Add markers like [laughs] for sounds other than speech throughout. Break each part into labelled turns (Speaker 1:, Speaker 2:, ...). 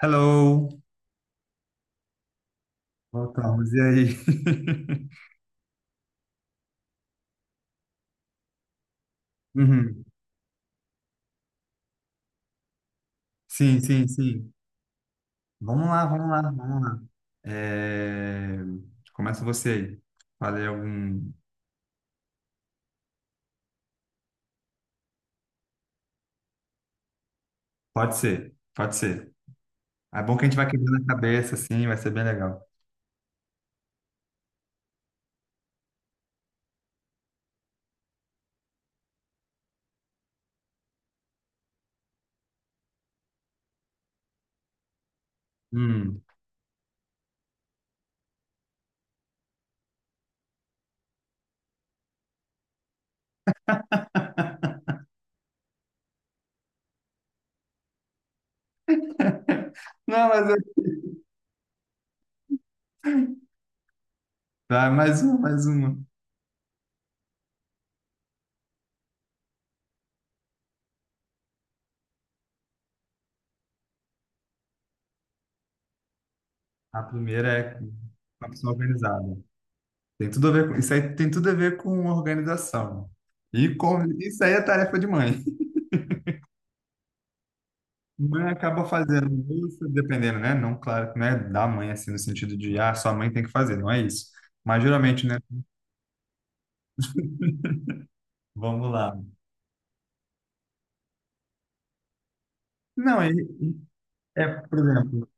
Speaker 1: Hello, voltamos, e aí? [laughs] Uhum. Sim, sim, sim. Vamos lá, vamos lá, vamos lá. É, começa você aí. Falei algum. Pode ser, pode ser. É bom que a gente vai quebrando a cabeça, assim, vai ser bem legal. Hum. Não, mas eu... Vai, mais uma, mais uma. A primeira é uma pessoa organizada. Tem tudo a ver com... Isso aí tem tudo a ver com organização. Isso aí é tarefa de mãe. Mãe acaba fazendo, isso dependendo, né? Não, claro que não é da mãe, assim, no sentido de, ah, sua mãe tem que fazer, não é isso. Mas geralmente, né? Vamos lá. Não, é, por exemplo,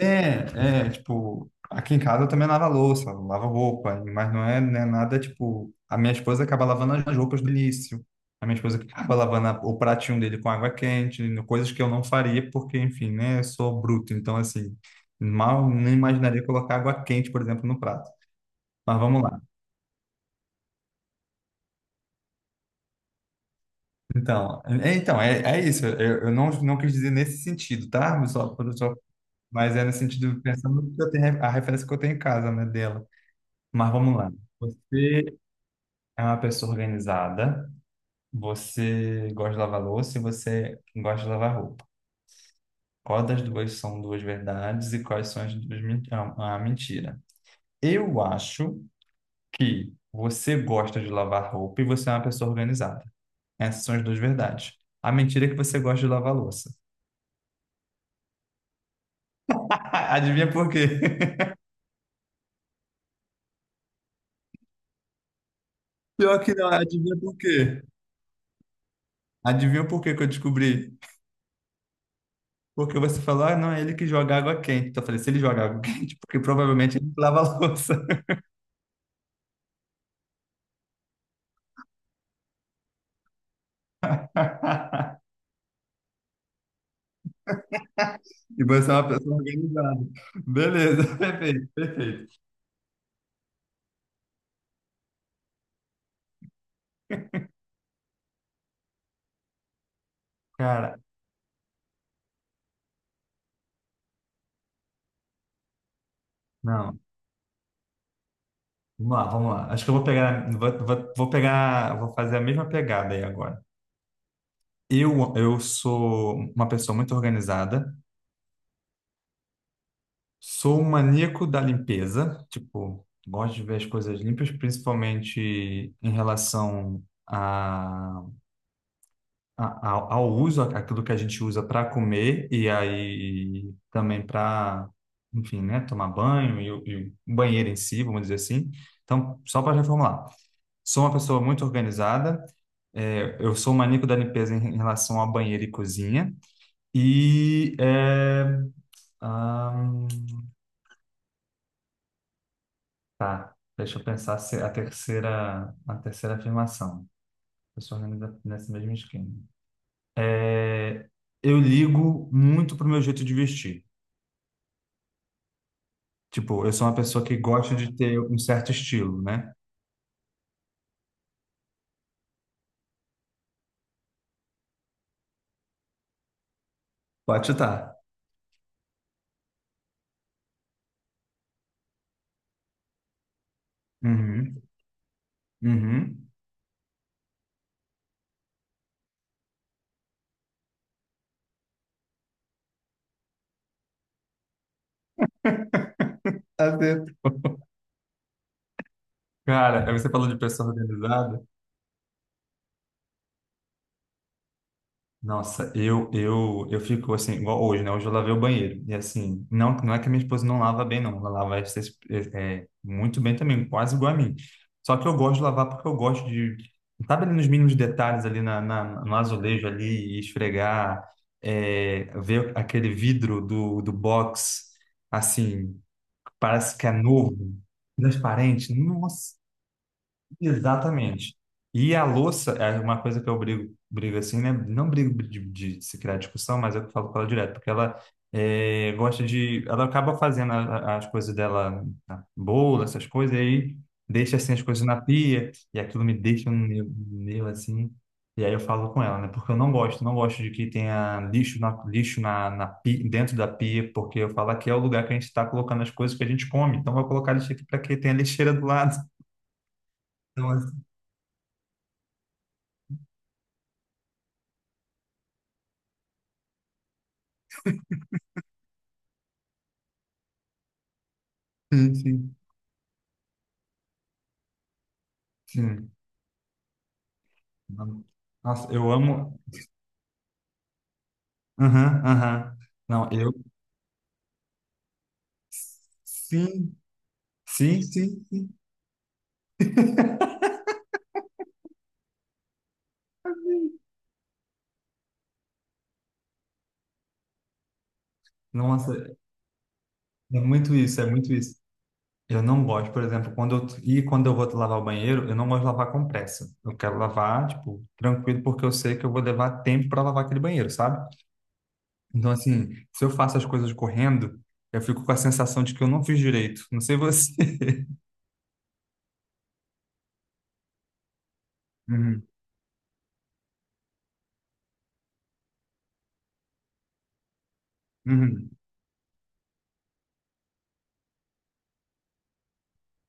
Speaker 1: é, tipo, aqui em casa eu também lavo a louça, lavo roupa, mas não é, né, nada, tipo, a minha esposa acaba lavando as roupas do início, a minha esposa que acaba lavando o pratinho dele com água quente, coisas que eu não faria, porque, enfim, né, eu sou bruto, então, assim, mal nem imaginaria colocar água quente, por exemplo, no prato. Mas vamos lá. Então, é isso. Eu não quis dizer nesse sentido, tá? Só, mas é no sentido pensando que eu tenho a referência que eu tenho em casa, né, dela. Mas vamos lá. Você é uma pessoa organizada, você gosta de lavar louça e você gosta de lavar roupa. Qual das duas são duas verdades e quais são as duas a mentira? Eu acho que você gosta de lavar roupa e você é uma pessoa organizada. Essas são as duas verdades. A mentira é que você gosta de lavar louça. [laughs] Adivinha por quê? Pior que não, adivinha por quê? Adivinha por quê que eu descobri? Porque você falou, ah, não, é ele que joga água quente. Então eu falei, se ele joga água [laughs] quente, porque provavelmente ele lava a louça. [laughs] E você é uma pessoa organizada. Beleza, [laughs] perfeito, perfeito. Cara, não, vamos lá, vamos lá. Acho que eu vou pegar, vou pegar, vou fazer a mesma pegada aí agora. Eu sou uma pessoa muito organizada. Sou um maníaco da limpeza, tipo, gosto de ver as coisas limpas, principalmente em relação ao uso, aquilo que a gente usa para comer e aí também para, enfim, né, tomar banho e o banheiro em si, vamos dizer assim. Então, só para reformular, sou uma pessoa muito organizada, eu sou um maníaco da limpeza em relação a banheiro e cozinha e deixa eu pensar se a terceira, a terceira afirmação. Eu sou organiza nesse mesmo esquema. É, eu ligo muito pro meu jeito de vestir. Tipo, eu sou uma pessoa que gosta de ter um certo estilo, né? Pode chutar. Uhum, uhum. Acerto. Cara, aí você falou de pessoa organizada. Nossa, eu fico assim, igual hoje, né? Hoje eu lavei o banheiro. E assim, não é que a minha esposa não lava bem, não. Ela lava muito bem também, quase igual a mim. Só que eu gosto de lavar porque eu gosto de, sabe, ali nos mínimos detalhes, ali no azulejo ali, e esfregar, ver aquele vidro do box, assim, parece que é novo, transparente. Nossa, exatamente. E a louça é uma coisa que eu brigo, brigo assim, né? Não brigo de se criar discussão, mas eu falo com ela direto, porque ela gosta de. Ela acaba fazendo as coisas dela, a bolo, essas coisas, e aí deixa assim as coisas na pia, e aquilo me deixa um meu, assim. E aí eu falo com ela, né? Porque eu não gosto, não gosto de que tenha lixo na pia, dentro da pia, porque eu falo que é o lugar que a gente está colocando as coisas que a gente come, então eu vou colocar lixo aqui para que tenha lixeira do lado. [laughs] Então, assim, sim. Nossa, eu amo. Aham, aham. Não, eu. Sim, sim, sim, sim. Nossa, é muito isso, é muito isso. Eu não gosto, por exemplo, quando eu vou lavar o banheiro, eu não gosto de lavar com pressa. Eu quero lavar, tipo, tranquilo, porque eu sei que eu vou levar tempo para lavar aquele banheiro, sabe? Então, assim, se eu faço as coisas correndo, eu fico com a sensação de que eu não fiz direito. Não sei você. [laughs] Uhum, uhum.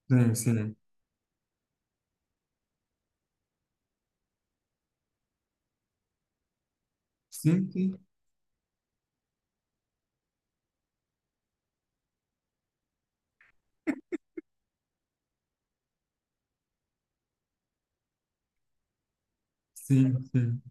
Speaker 1: Sim, sim. Sim, sim, sim, sim.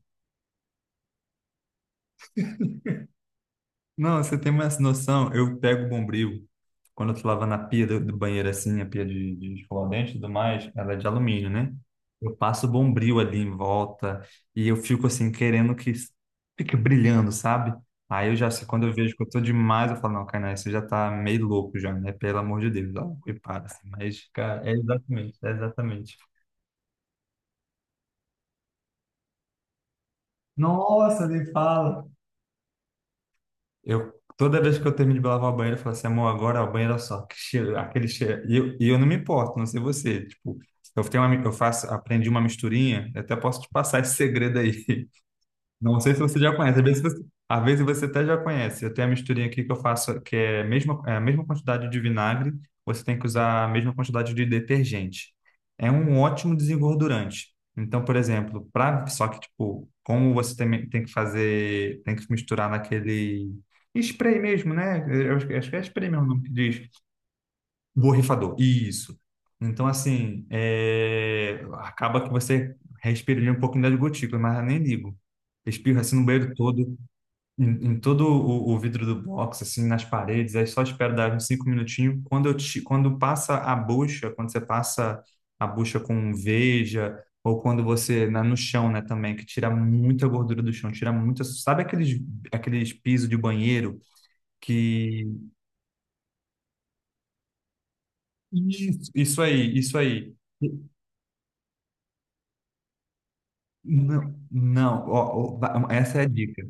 Speaker 1: Não, você tem mais noção. Eu pego o Bombril quando eu tô lavando a pia do banheiro assim, a pia de escovar o dente e tudo mais, ela é de alumínio, né? Eu passo o Bombril ali em volta e eu fico assim, querendo que fique brilhando, sabe? Aí eu já sei, quando eu vejo que eu tô demais, eu falo, não, Kainá, você já tá meio louco já, né? Pelo amor de Deus, ó, e para, assim. Mas, cara, é exatamente, é exatamente. Nossa, nem fala. Eu, toda vez que eu termino de lavar o banheiro, eu falo assim, amor, agora o banheiro é só, que cheiro, aquele cheiro. E eu não me importo, não sei você. Tipo, eu tenho eu faço, aprendi uma misturinha, eu até posso te passar esse segredo aí. Não sei se você já conhece. Às vezes você até já conhece. Eu tenho a misturinha aqui que eu faço, que é a mesma quantidade de vinagre, você tem que usar a mesma quantidade de detergente. É um ótimo desengordurante. Então, por exemplo, pra, só que, tipo, como você tem que misturar naquele spray mesmo, né? Eu acho que é spray mesmo o nome que diz borrifador, isso. Então, assim, acaba que você respira um pouquinho das gotículas, mas eu nem ligo. Espirro assim no banheiro todo, em todo o vidro do box, assim, nas paredes, aí só espero dar uns 5 minutinhos. Quando passa a bucha, quando você passa a bucha com Veja, ou quando você, no chão, né, também, que tira muita gordura do chão, tira muita. Sabe aqueles pisos de banheiro que. Isso aí, isso aí. Não, não, ó, ó, essa é a dica.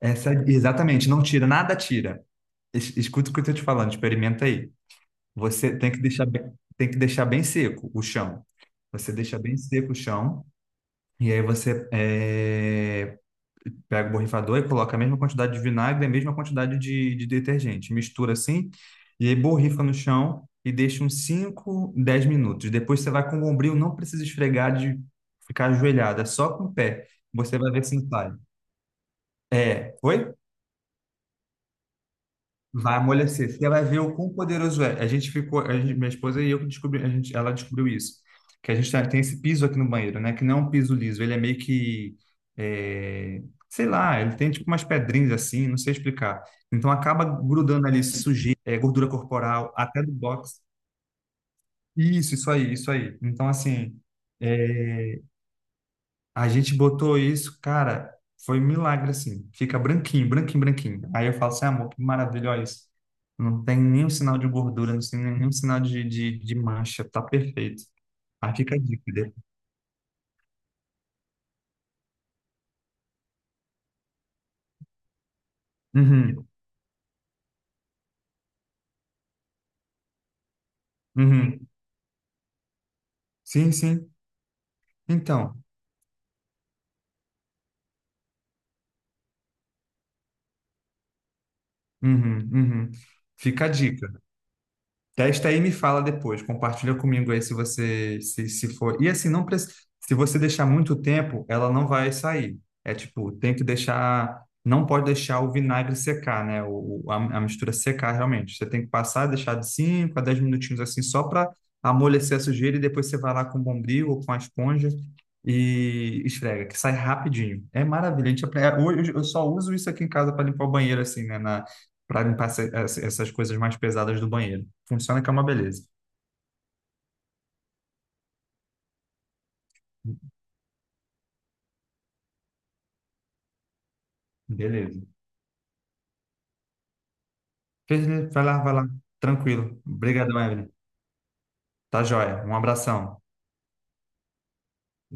Speaker 1: Exatamente, não tira, nada tira. Escuta o que eu estou te falando, experimenta aí. Você tem que deixar bem, tem que deixar bem seco o chão. Você deixa bem seco o chão e aí você pega o borrifador e coloca a mesma quantidade de vinagre, e a mesma quantidade de detergente, mistura assim e aí borrifa no chão e deixa uns 5, 10 minutos. Depois você vai com o bombril, não precisa esfregar de ficar ajoelhada, só com o pé. Você vai ver se não sai. É, oi? Vai amolecer. Você vai ver o quão poderoso é. A gente ficou, minha esposa e eu que descobri, a gente, ela descobriu isso. Que a gente tem esse piso aqui no banheiro, né? Que não é um piso liso, ele é meio que, é, sei lá, ele tem tipo umas pedrinhas assim, não sei explicar. Então acaba grudando ali sujeira, gordura corporal, até do box. Isso aí, isso aí. Então assim, é, A gente botou isso, cara, foi um milagre assim. Fica branquinho, branquinho, branquinho. Aí eu falo assim, amor, que maravilha, olha isso. Não tem nenhum sinal de gordura, não tem nenhum sinal de mancha, tá perfeito. Aí fica a dica dele. Uhum, uhum. Sim, sim. Então, uhum, uhum. Fica a dica. Testa aí e me fala depois. Compartilha comigo aí se você se, se for. E assim, não precisa. Se você deixar muito tempo, ela não vai sair. É tipo, tem que deixar. Não pode deixar o vinagre secar, né? A mistura secar realmente. Você tem que passar, deixar de 5 a 10 minutinhos assim, só para amolecer a sujeira e depois você vai lá com o bombril ou com a esponja e esfrega, que sai rapidinho. É maravilha. A gente, apre- é, hoje eu só uso isso aqui em casa para limpar o banheiro, assim, né? Para limpar essas coisas mais pesadas do banheiro. Funciona que é uma beleza. Beleza. Beleza, vai lá, vai lá. Tranquilo. Obrigadão, Evelyn. Tá joia. Um abração.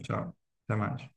Speaker 1: Tchau. Até mais.